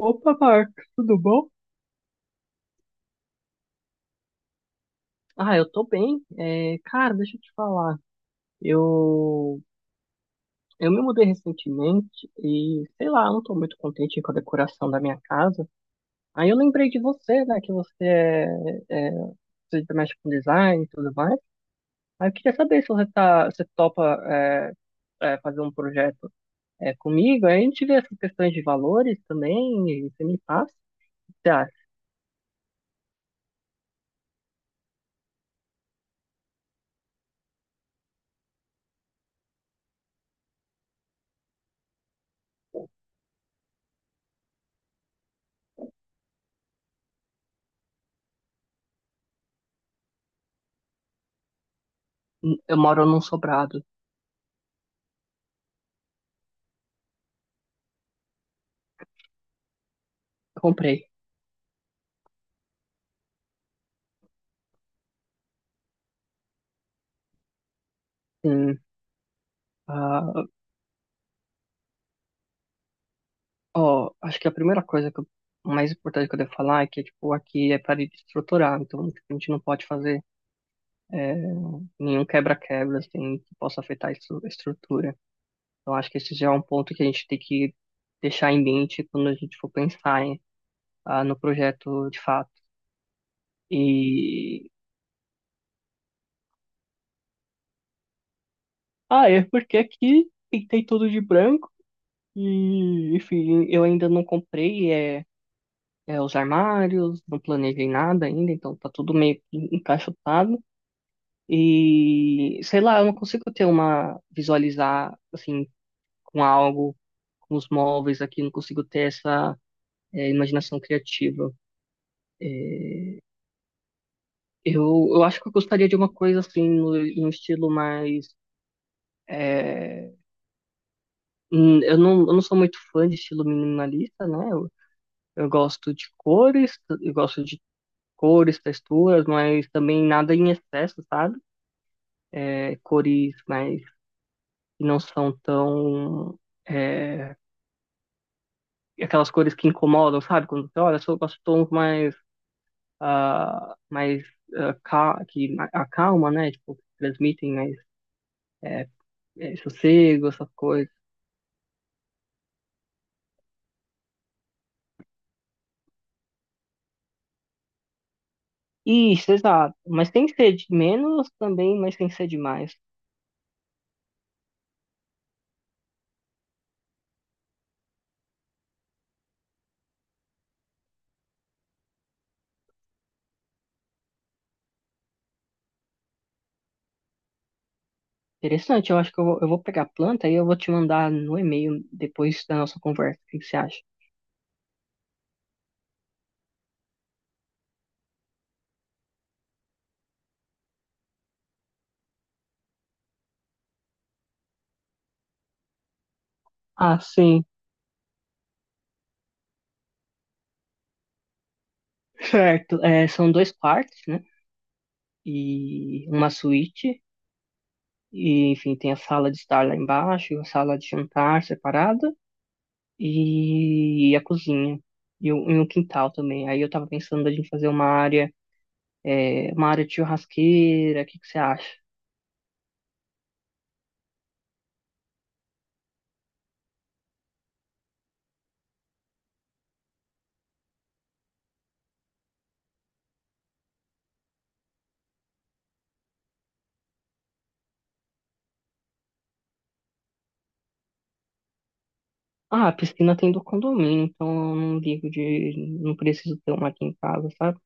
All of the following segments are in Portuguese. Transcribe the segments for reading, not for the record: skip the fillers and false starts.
Opa, Marcos, tudo bom? Eu tô bem. Cara, deixa eu te falar. Eu, eu me mudei recentemente e, sei lá, eu não tô muito contente com a decoração da minha casa. Aí eu lembrei de você, né, que é, você mexe com design e tudo mais. Aí eu queria saber se você topa fazer um projeto comigo. Aí a gente vê essas questões de valores também e você me passa. Tá, eu moro num sobrado. Eu comprei. Sim. Ah, ó, acho que a primeira coisa mais importante que eu devo falar é que, tipo, aqui é parede estrutural, então, tipo, a gente não pode fazer é, nenhum quebra-quebra, assim, que possa afetar a a estrutura. Então, acho que esse já é um ponto que a gente tem que deixar em mente quando a gente for pensar em no projeto de fato. E... Ah, é porque aqui pintei tudo de branco e, enfim, eu ainda não comprei, os armários, não planejei nada ainda, então tá tudo meio que encaixotado. E, sei lá, eu não consigo ter visualizar, assim, com algo, com os móveis aqui, não consigo ter essa imaginação criativa. É, eu acho que eu gostaria de uma coisa, assim, no estilo mais, é, eu não sou muito fã de estilo minimalista, né? Eu gosto de cores, eu gosto de cores, texturas, mas também nada em excesso, sabe? Cores mas que não são tão, é, aquelas cores que incomodam, sabe? Quando você olha, só gosto de tons mais que acalma, né? Tipo, que transmitem mais é, sossego, essas coisas. Isso, exato. Mas tem que ser de menos também, mas tem que ser de mais. Interessante, eu acho que eu vou pegar a planta e eu vou te mandar no e-mail depois da nossa conversa. O que que você acha? Ah, sim, certo. É, são dois quartos, né? E uma suíte. E, enfim, tem a sala de estar lá embaixo, a sala de jantar separada e a cozinha. E o quintal também. Aí eu tava pensando da gente fazer uma área, uma área de churrasqueira, o que que você acha? Ah, a piscina tem do condomínio, então eu não não preciso ter uma aqui em casa, sabe?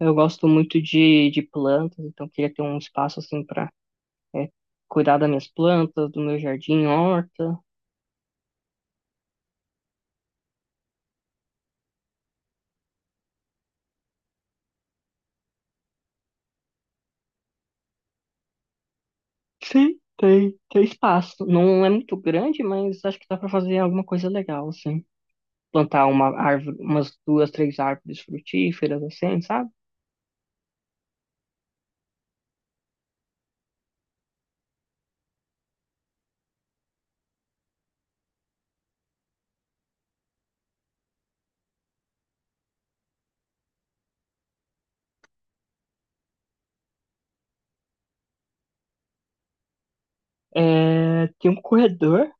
Eu gosto muito de plantas, então queria ter um espaço assim pra, é, cuidar das minhas plantas, do meu jardim, horta. Sim, tem espaço. Não é muito grande, mas acho que dá pra fazer alguma coisa legal, assim. Plantar uma árvore, umas duas, três árvores frutíferas, assim, sabe? É, tem um corredor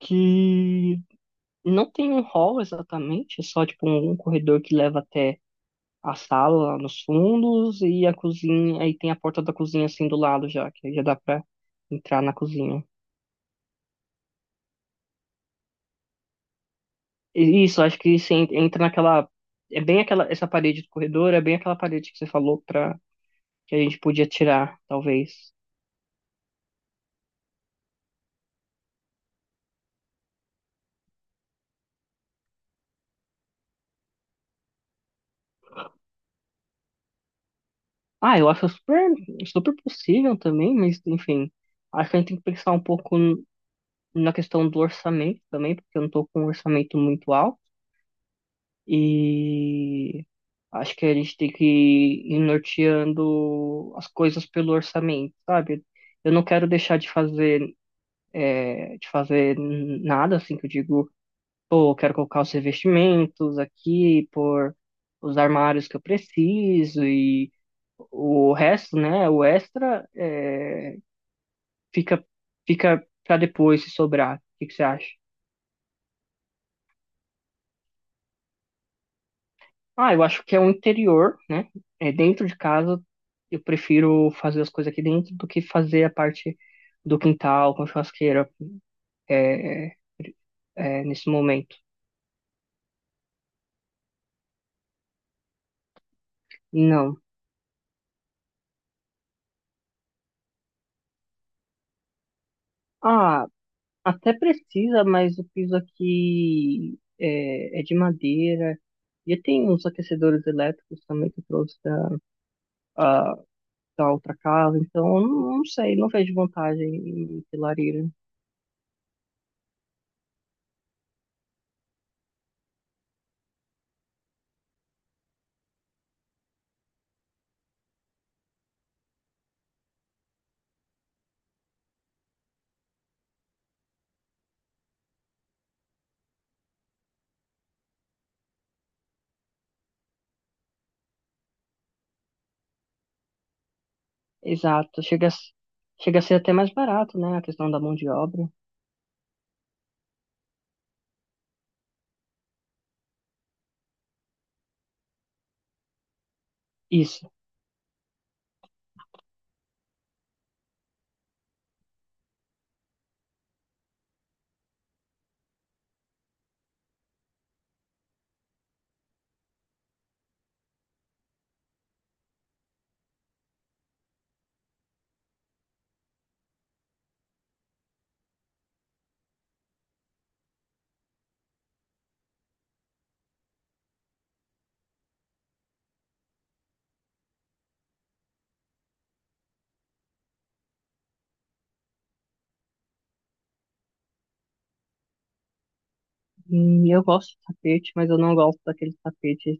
que não tem um hall exatamente, é só tipo um corredor que leva até a sala lá nos fundos e a cozinha, aí tem a porta da cozinha assim do lado já, que aí já dá pra entrar na cozinha. E isso, acho que você entra naquela, essa parede do corredor, é bem aquela parede que você falou que a gente podia tirar, talvez. Ah, eu acho super, super possível também, mas enfim, acho que a gente tem que pensar um pouco na questão do orçamento também, porque eu não estou com um orçamento muito alto e acho que a gente tem que ir norteando as coisas pelo orçamento, sabe? Eu não quero deixar de fazer, né, de fazer nada assim que eu digo, pô, eu quero colocar os revestimentos aqui, por os armários que eu preciso e o resto, né, o extra, fica fica para depois se sobrar. O que que você acha? Ah, eu acho que é o interior, né? É dentro de casa. Eu prefiro fazer as coisas aqui dentro do que fazer a parte do quintal com churrasqueira é, é, nesse momento. Não. Ah, até precisa, mas o piso aqui é de madeira. E tem uns aquecedores elétricos também que eu trouxe a- da outra casa, então eu não, não sei, não vejo vantagem em ter lareira. Exato. Chega a ser até mais barato, né? A questão da mão de obra. Isso. Eu gosto de tapete, mas eu não gosto daqueles tapetes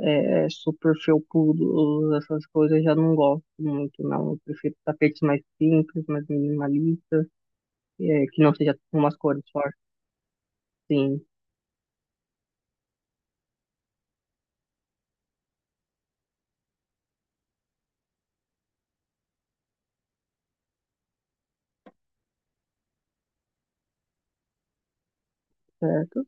é, é, super felpudos, essas coisas. Eu já não gosto muito, não. Eu prefiro tapetes mais simples, mais minimalistas, que não seja com umas cores fortes. Sim, certo.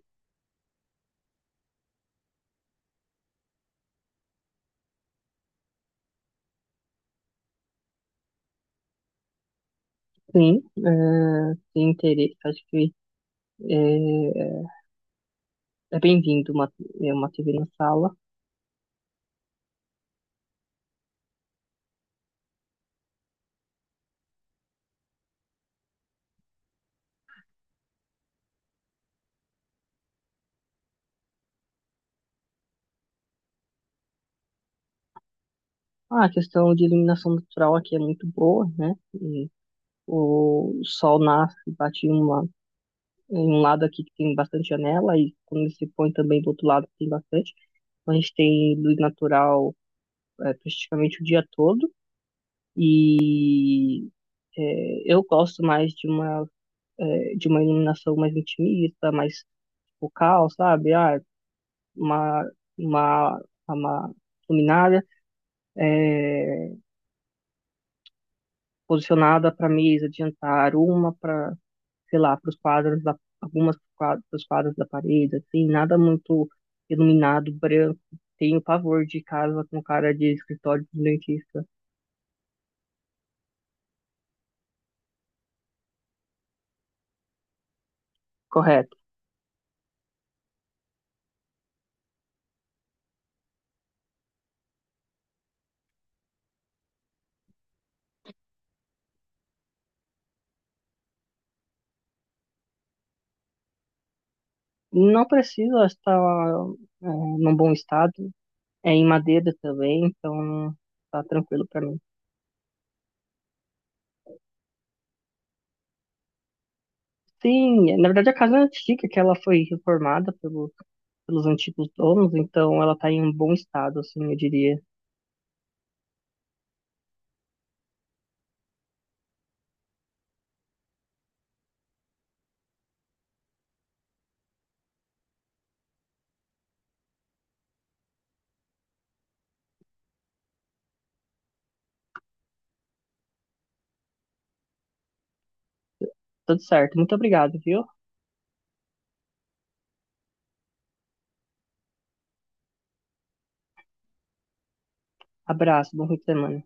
Sim, é, tem interesse. Acho que é, é bem-vindo uma, uma TV na sala. Ah, a questão de iluminação natural aqui é muito boa, né? O sol nasce, bate em um lado aqui que tem bastante janela, e quando ele se põe também do outro lado tem bastante. Então, a gente tem luz natural praticamente o dia todo. E eu gosto mais de uma, de uma iluminação mais intimista, mais focal, sabe? Ah, uma, uma, uma luminária é, posicionada para mesa de jantar, uma para sei lá, para os quadros da, algumas quadros, pros quadros da parede, assim, nada muito iluminado, branco. Tenho pavor de casa com cara de escritório de dentista. Correto. Não precisa estar num bom estado. É em madeira também, então tá tranquilo para mim. Sim, na verdade a casa é antiga, que ela foi reformada pelos antigos donos, então ela tá em um bom estado, assim, eu diria. Tudo certo. Muito obrigado, viu? Abraço, bom fim de semana.